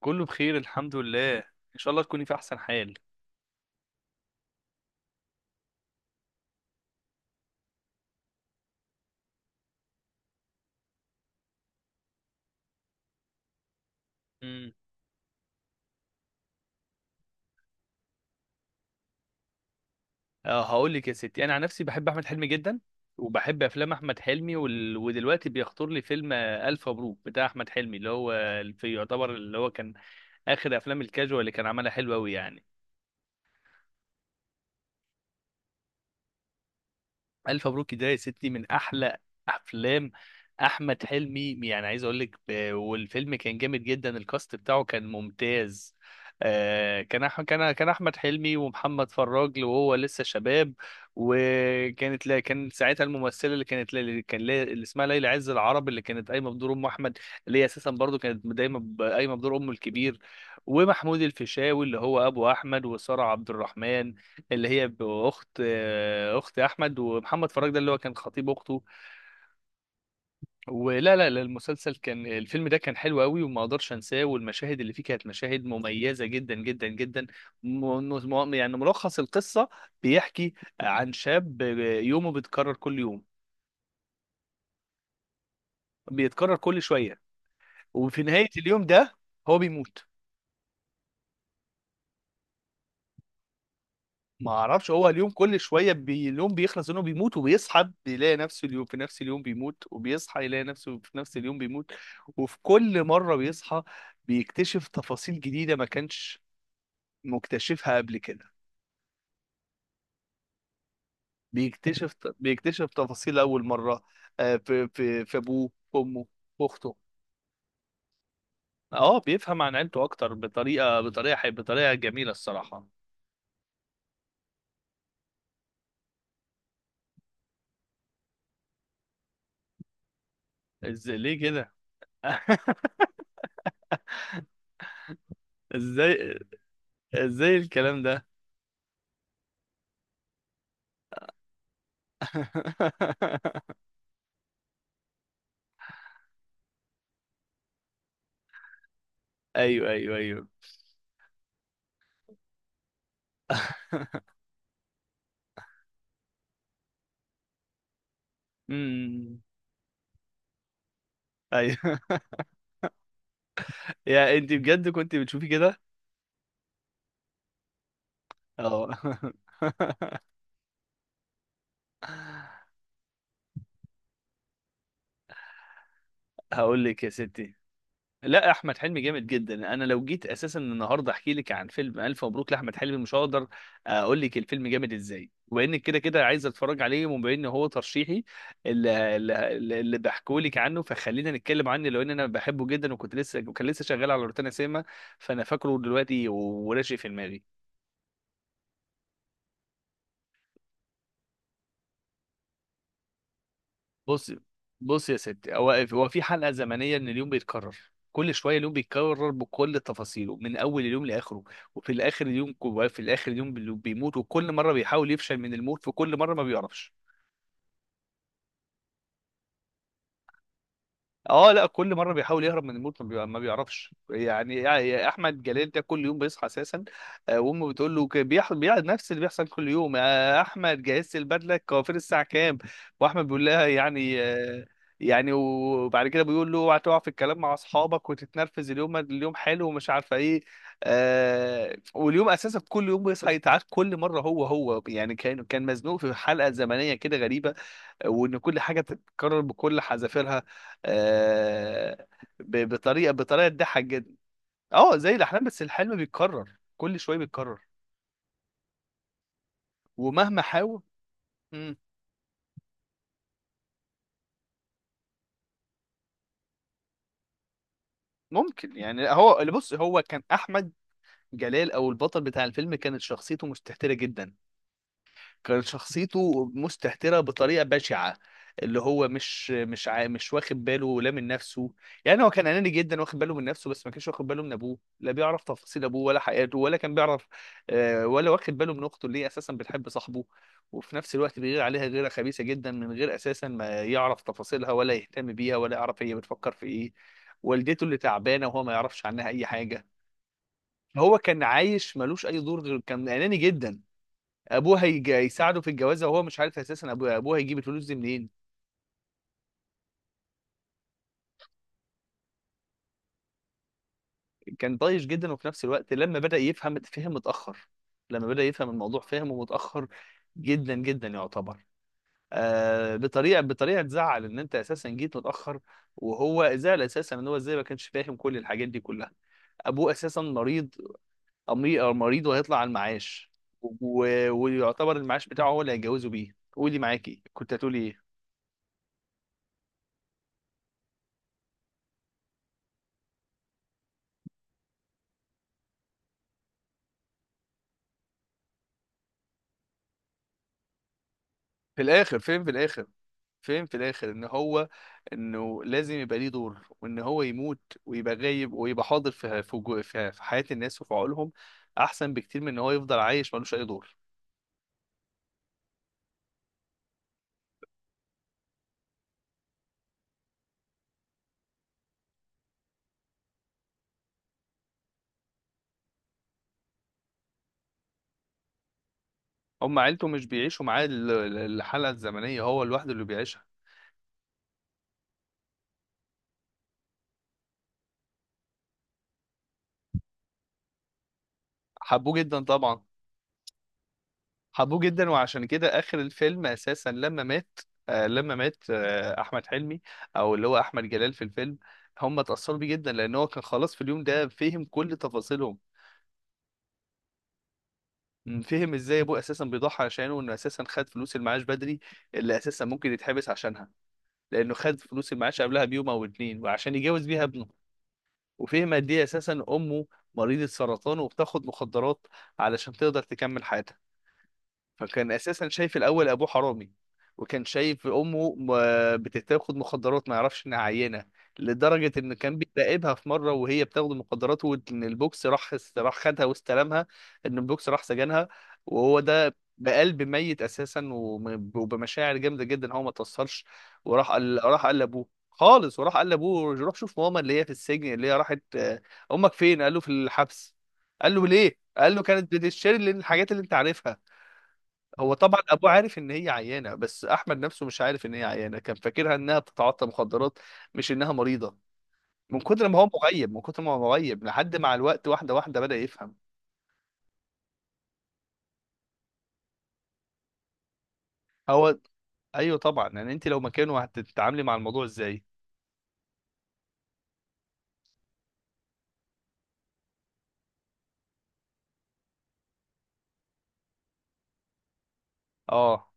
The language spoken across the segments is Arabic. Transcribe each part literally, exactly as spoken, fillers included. كله بخير الحمد لله ان شاء الله تكوني في احسن حال. امم اه، هقول لك يا ستي، انا عن نفسي بحب احمد حلمي جدا وبحب افلام احمد حلمي وال... ودلوقتي بيخطر لي فيلم آه، الف مبروك بتاع احمد حلمي، اللي هو في يعتبر اللي هو كان اخر افلام الكاجوال اللي كان عملها، حلوه قوي يعني. الف مبروك ده يا ستي من احلى افلام احمد حلمي. يعني عايز اقول لك ب- والفيلم كان جامد جدا، الكاست بتاعه كان ممتاز. آه، كان أح كان كان احمد حلمي ومحمد فراج وهو لسه شباب، وكانت لا كان ساعتها الممثله اللي كانت لا- اللي كان لا- اللي اسمها ليلى عز العرب، اللي كانت قايمه بدور ام احمد، اللي هي اساسا برضو كانت دايما ب- قايمه بدور امه الكبير. ومحمود الفيشاوي اللي هو ابو احمد، وساره عبد الرحمن اللي هي باخت آه، اخت احمد، ومحمد فراج ده اللي هو كان خطيب اخته. ولا لا لا المسلسل كان الفيلم ده كان حلو قوي وما اقدرش انساه، والمشاهد اللي فيه كانت مشاهد مميزه جدا جدا جدا. م- م- يعني ملخص القصه بيحكي عن شاب يومه بيتكرر كل يوم، بيتكرر كل شويه، وفي نهايه اليوم ده هو بيموت. ما اعرفش، هو اليوم كل شويه بي... اليوم بيخلص انه بيموت وبيصحى، بيلاقي نفسه اليوم في نفس اليوم بيموت وبيصحى يلاقي نفسه في نفس اليوم بيموت، وفي كل مره بيصحى بيكتشف تفاصيل جديده ما كانش مكتشفها قبل كده. بيكتشف بيكتشف تفاصيل اول مره آه، في في في ابوه، في امه، في اخته. اه بيفهم عن عيلته اكتر، بطريقه بطريقه حي- بطريقه جميله الصراحه. ازاي؟ ليه كده؟ ازاي، ازاي الكلام ده؟ ايوه ايوه ايوه. امم. ايوه. يا انت بجد كنت بتشوفي كده؟ اه. هقول لك يا ستي، لا احمد حلمي جامد جدا. انا لو جيت اساسا النهارده احكي لك عن فيلم الف مبروك لاحمد حلمي مش هقدر اقول لك الفيلم جامد ازاي، وانك كده كده عايز اتفرج عليه وبما ان هو ترشيحي اللي, اللي اللي بحكوا لك عنه، فخلينا نتكلم عنه، لو ان انا بحبه جدا. وكنت لسه وكان لسه شغال على روتانا سينما، فانا فاكره دلوقتي وراشق في دماغي. بص بص يا ستي، هو هو في حلقه زمنيه ان اليوم بيتكرر كل شويه، اليوم بيتكرر بكل تفاصيله من اول اليوم لاخره، وفي الاخر اليوم وفي الاخر اليوم بي- بيموت، وكل مره بيحاول يفشل من الموت، في كل مره ما بيعرفش. اه لا، كل مره بيحاول يهرب من الموت ما بي- ما بيعرفش. يعني يا احمد جلال ده كل يوم بيصحى اساسا، آه، وامه بتقول له ك- بيح- بيقعد نفس اللي بيحصل كل يوم: يا احمد جهزت البدله، الكوافير الساعه كام؟ واحمد بيقول لها يعني آه، يعني. وبعد كده بيقول له اوعى تقع في الكلام مع اصحابك وتتنرفز، اليوم اليوم حلو ومش عارفه ايه. آه واليوم اساسا كل يوم بيصحى يتعاد كل مره، هو هو يعني كان كان مزنوق في حلقه زمنيه كده غريبه، وان كل حاجه تتكرر بكل حذافيرها، آه، ب- بطريقه بطريقه تضحك جدا. اه زي الاحلام، بس الحلم بيتكرر كل شويه بيتكرر. ومهما حاول. مم، ممكن يعني هو اللي بص هو كان احمد جلال او البطل بتاع الفيلم كانت شخصيته مستهترة جدا، كان شخصيته مستهترة بطريقة بشعة، اللي هو مش مش عا... مش واخد باله لا من نفسه. يعني هو كان أناني جدا، واخد باله من نفسه بس ما كانش واخد باله من أبوه، لا بيعرف تفاصيل أبوه ولا حياته ولا كان بيعرف، آه، ولا واخد باله من أخته اللي هي أساسا بتحب صاحبه، وفي نفس الوقت بيغير عليها غيرة خبيثة جدا من غير أساسا ما يعرف تفاصيلها، ولا يهتم بيها، ولا يعرف هي بتفكر في إيه. والدته اللي تعبانة وهو ما يعرفش عنها أي حاجة. هو كان عايش ملوش أي دور، غير كان أناني جدا. ابوه هيج... هيساعده في الجوازه وهو مش عارف اساسا ابوه ابوه هيجيب الفلوس دي منين. كان طايش جدا، وفي نفس الوقت لما بدا يفهم فهم متاخر، لما بدا يفهم الموضوع فهمه متاخر جدا جدا يعتبر، آه بطريقه بطريقه تزعل ان انت اساسا جيت متاخر. وهو زعل اساسا ان هو ازاي ما كانش فاهم كل الحاجات دي كلها. ابوه اساسا مريض، أمي... أو مريض وهيطلع على المعاش و... ويعتبر المعاش بتاعه هو اللي هيتجوزه بيه. قولي معاكي، كنت هتقولي ايه؟ في الاخر فين في الاخر فهم في الاخر ان هو انه لازم يبقى ليه دور، وان هو يموت ويبقى غايب ويبقى حاضر في في جو- في في حياة الناس وفي عقولهم، احسن بكتير من ان هو يفضل عايش ملوش اي دور. هم عيلته مش بيعيشوا معاه ال- ال- الحلقة الزمنية، هو لوحده اللي بيعيشها. حبوه جدا طبعا. حبوه جدا، وعشان كده اخر الفيلم اساسا لما مات، آه لما مات آه احمد حلمي او اللي هو احمد جلال في الفيلم، هم اتأثروا بيه جدا لان هو كان خلاص في اليوم ده فهم كل تفاصيلهم. مم. فهم ازاي ابوه اساسا بيضحي عشانه، انه اساسا خد فلوس المعاش بدري اللي اساسا ممكن يتحبس عشانها، لانه خد فلوس المعاش قبلها بيوم او اتنين وعشان يجوز بيها ابنه. وفهم قد ايه اساسا امه مريضة سرطان وبتاخد مخدرات علشان تقدر تكمل حياتها. فكان اساسا شايف الاول ابوه حرامي، وكان شايف امه م- بتاخد مخدرات ما يعرفش انها عينه، لدرجه ان كان بيراقبها في مره وهي بتاخد المخدرات، وان البوكس راح راح خدها واستلمها، ان البوكس راح سجنها. وهو ده بقلب ميت اساسا وم- وبمشاعر جامده جدا هو ما توصلش. وراح قال راح قال لابوه خالص، وراح قال لابوه روح شوف ماما اللي هي في السجن، اللي هي راحت، آه، امك فين؟ قال له في الحبس. قال له ليه؟ قال له كانت بتشتري الحاجات اللي انت عارفها. هو طبعا ابوه عارف ان هي عيانه، بس احمد نفسه مش عارف ان هي عيانه، كان فاكرها انها بتتعاطى مخدرات مش انها مريضه. من كتر ما هو مغيب من كتر ما هو مغيب لحد مع الوقت، واحده واحده بدأ يفهم. هو ايوه طبعا، يعني انت لو مكانه هتتعاملي مع الموضوع ازاي؟ اه.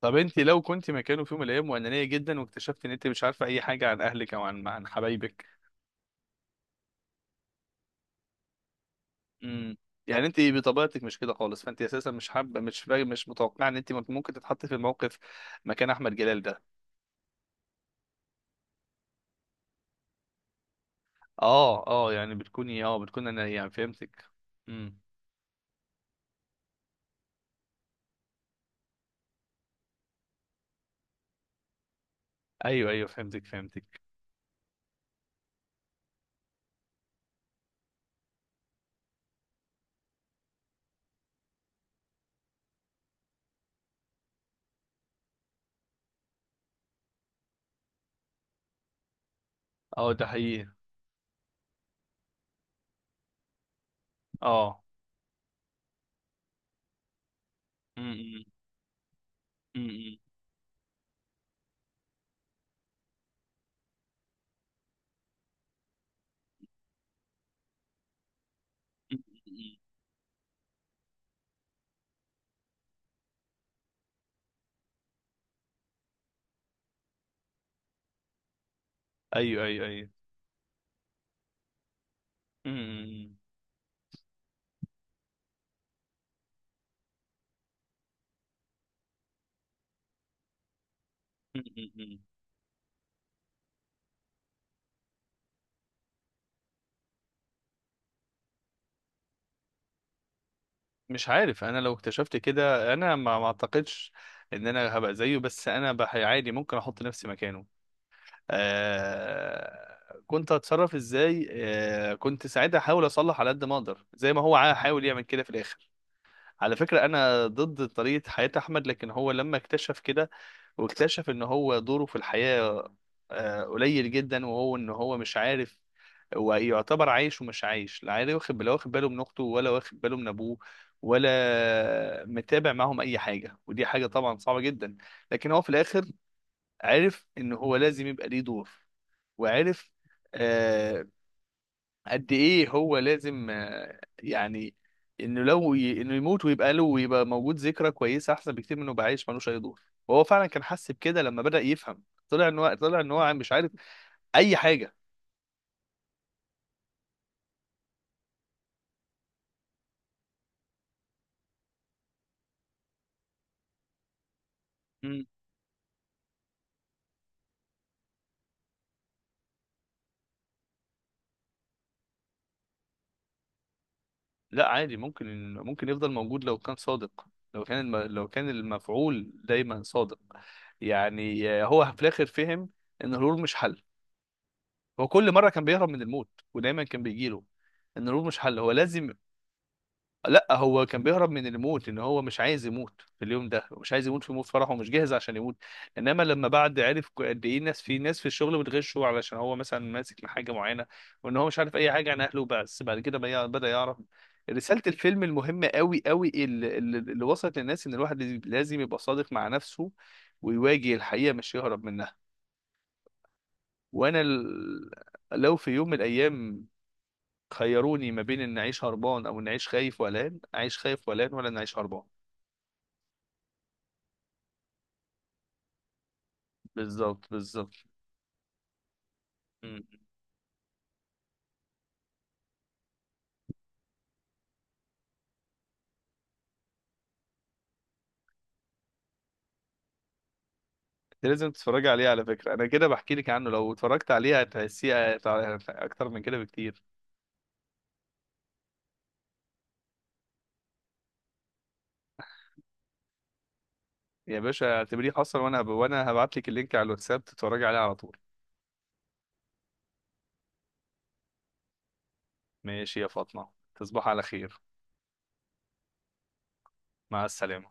طب انت لو كنت مكانه في يوم من الايام وانانيه جدا، واكتشفت ان انت مش عارفه اي حاجه عن اهلك او عن عن حبايبك؟ امم يعني انت بطبيعتك مش كده خالص، فانت اساسا مش حابه مش مش متوقعه ان انت ممكن تتحطي في الموقف مكان احمد جلال ده. اه اه يعني بتكوني اه بتكون انا يعني فهمتك. امم ايوه ايوه فهمتك فهمتك. اه ده حقيقي. اه. امم امم امم امم امم. ايوه ايوه ايوه. امم امم امم امم. مش عارف، انا لو اكتشفت كده انا ما ما اعتقدش ان انا هبقى زيه، بس انا بح- عادي ممكن احط نفسي مكانه. آه كنت هتصرف ازاي؟ آه كنت ساعتها احاول اصلح على قد ما اقدر، زي ما هو عا- حاول يعمل كده في الاخر. على فكرة أنا ضد طريقة حياة أحمد، لكن هو لما اكتشف كده واكتشف إن هو دوره في الحياة، آه، قليل جدا، وهو إن هو مش عارف، ويعتبر عايش ومش عايش، لا عارف واخد لا واخد باله من أخته، ولا واخد باله من أبوه، ولا متابع معاهم أي حاجة، ودي حاجة طبعا صعبة جدا. لكن هو في الآخر عرف إن هو لازم يبقى ليه دور، وعرف قد ايه هو لازم آه، يعني انه لو ي... انه يموت ويبقى له ويبقى موجود ذكرى كويسه، احسن بكتير منه يبقى عايش ملوش اي دور. وهو فعلا كان حس بكده لما بدأ يفهم، طلع ان هو طلع ان هو مش عارف اي حاجه. مم. لا عادي، ممكن ممكن يفضل موجود لو كان صادق، لو كان الم... لو كان المفعول دايما صادق. يعني آه، هو في الاخر فهم ان الهروب مش حل. هو كل مره كان بيهرب من الموت ودايما كان بيجيله. ان الهروب مش حل، هو لازم. لا هو كان بيهرب من الموت، ان هو مش عايز يموت في اليوم ده، مش عايز يموت في موت فرحه ومش جاهز عشان يموت. انما لما بعد عرف ك- قد ايه الناس، في ناس في الشغل بتغشه علشان هو مثلا ماسك لحاجه معينه، وان هو مش عارف اي حاجه عن اهله، بس بعد كده بي- بدا يعرف. رساله الفيلم المهمه قوي قوي اللي, اللي اللي وصلت للناس ان الواحد لازم لازم يبقى صادق مع نفسه، ويواجه الحقيقه مش يهرب منها. وانا ال... لو في يوم من الايام خيروني ما بين ان اعيش هربان او ان اعيش خايف وقلقان، اعيش خايف وقلقان ولا ان اعيش هربان. بالظبط بالظبط. مم. انت لازم تتفرج عليه على فكرة، انا كده بحكي لك عنه، لو اتفرجت عليه هتحسيه هتع- اكتر من كده بكتير. يا باشا اعتبريه حصل، وانا هب... وانا هبعت لك اللينك على الواتساب تتفرجي عليه على طول. ماشي يا فاطمة، تصبح على خير. مع السلامة.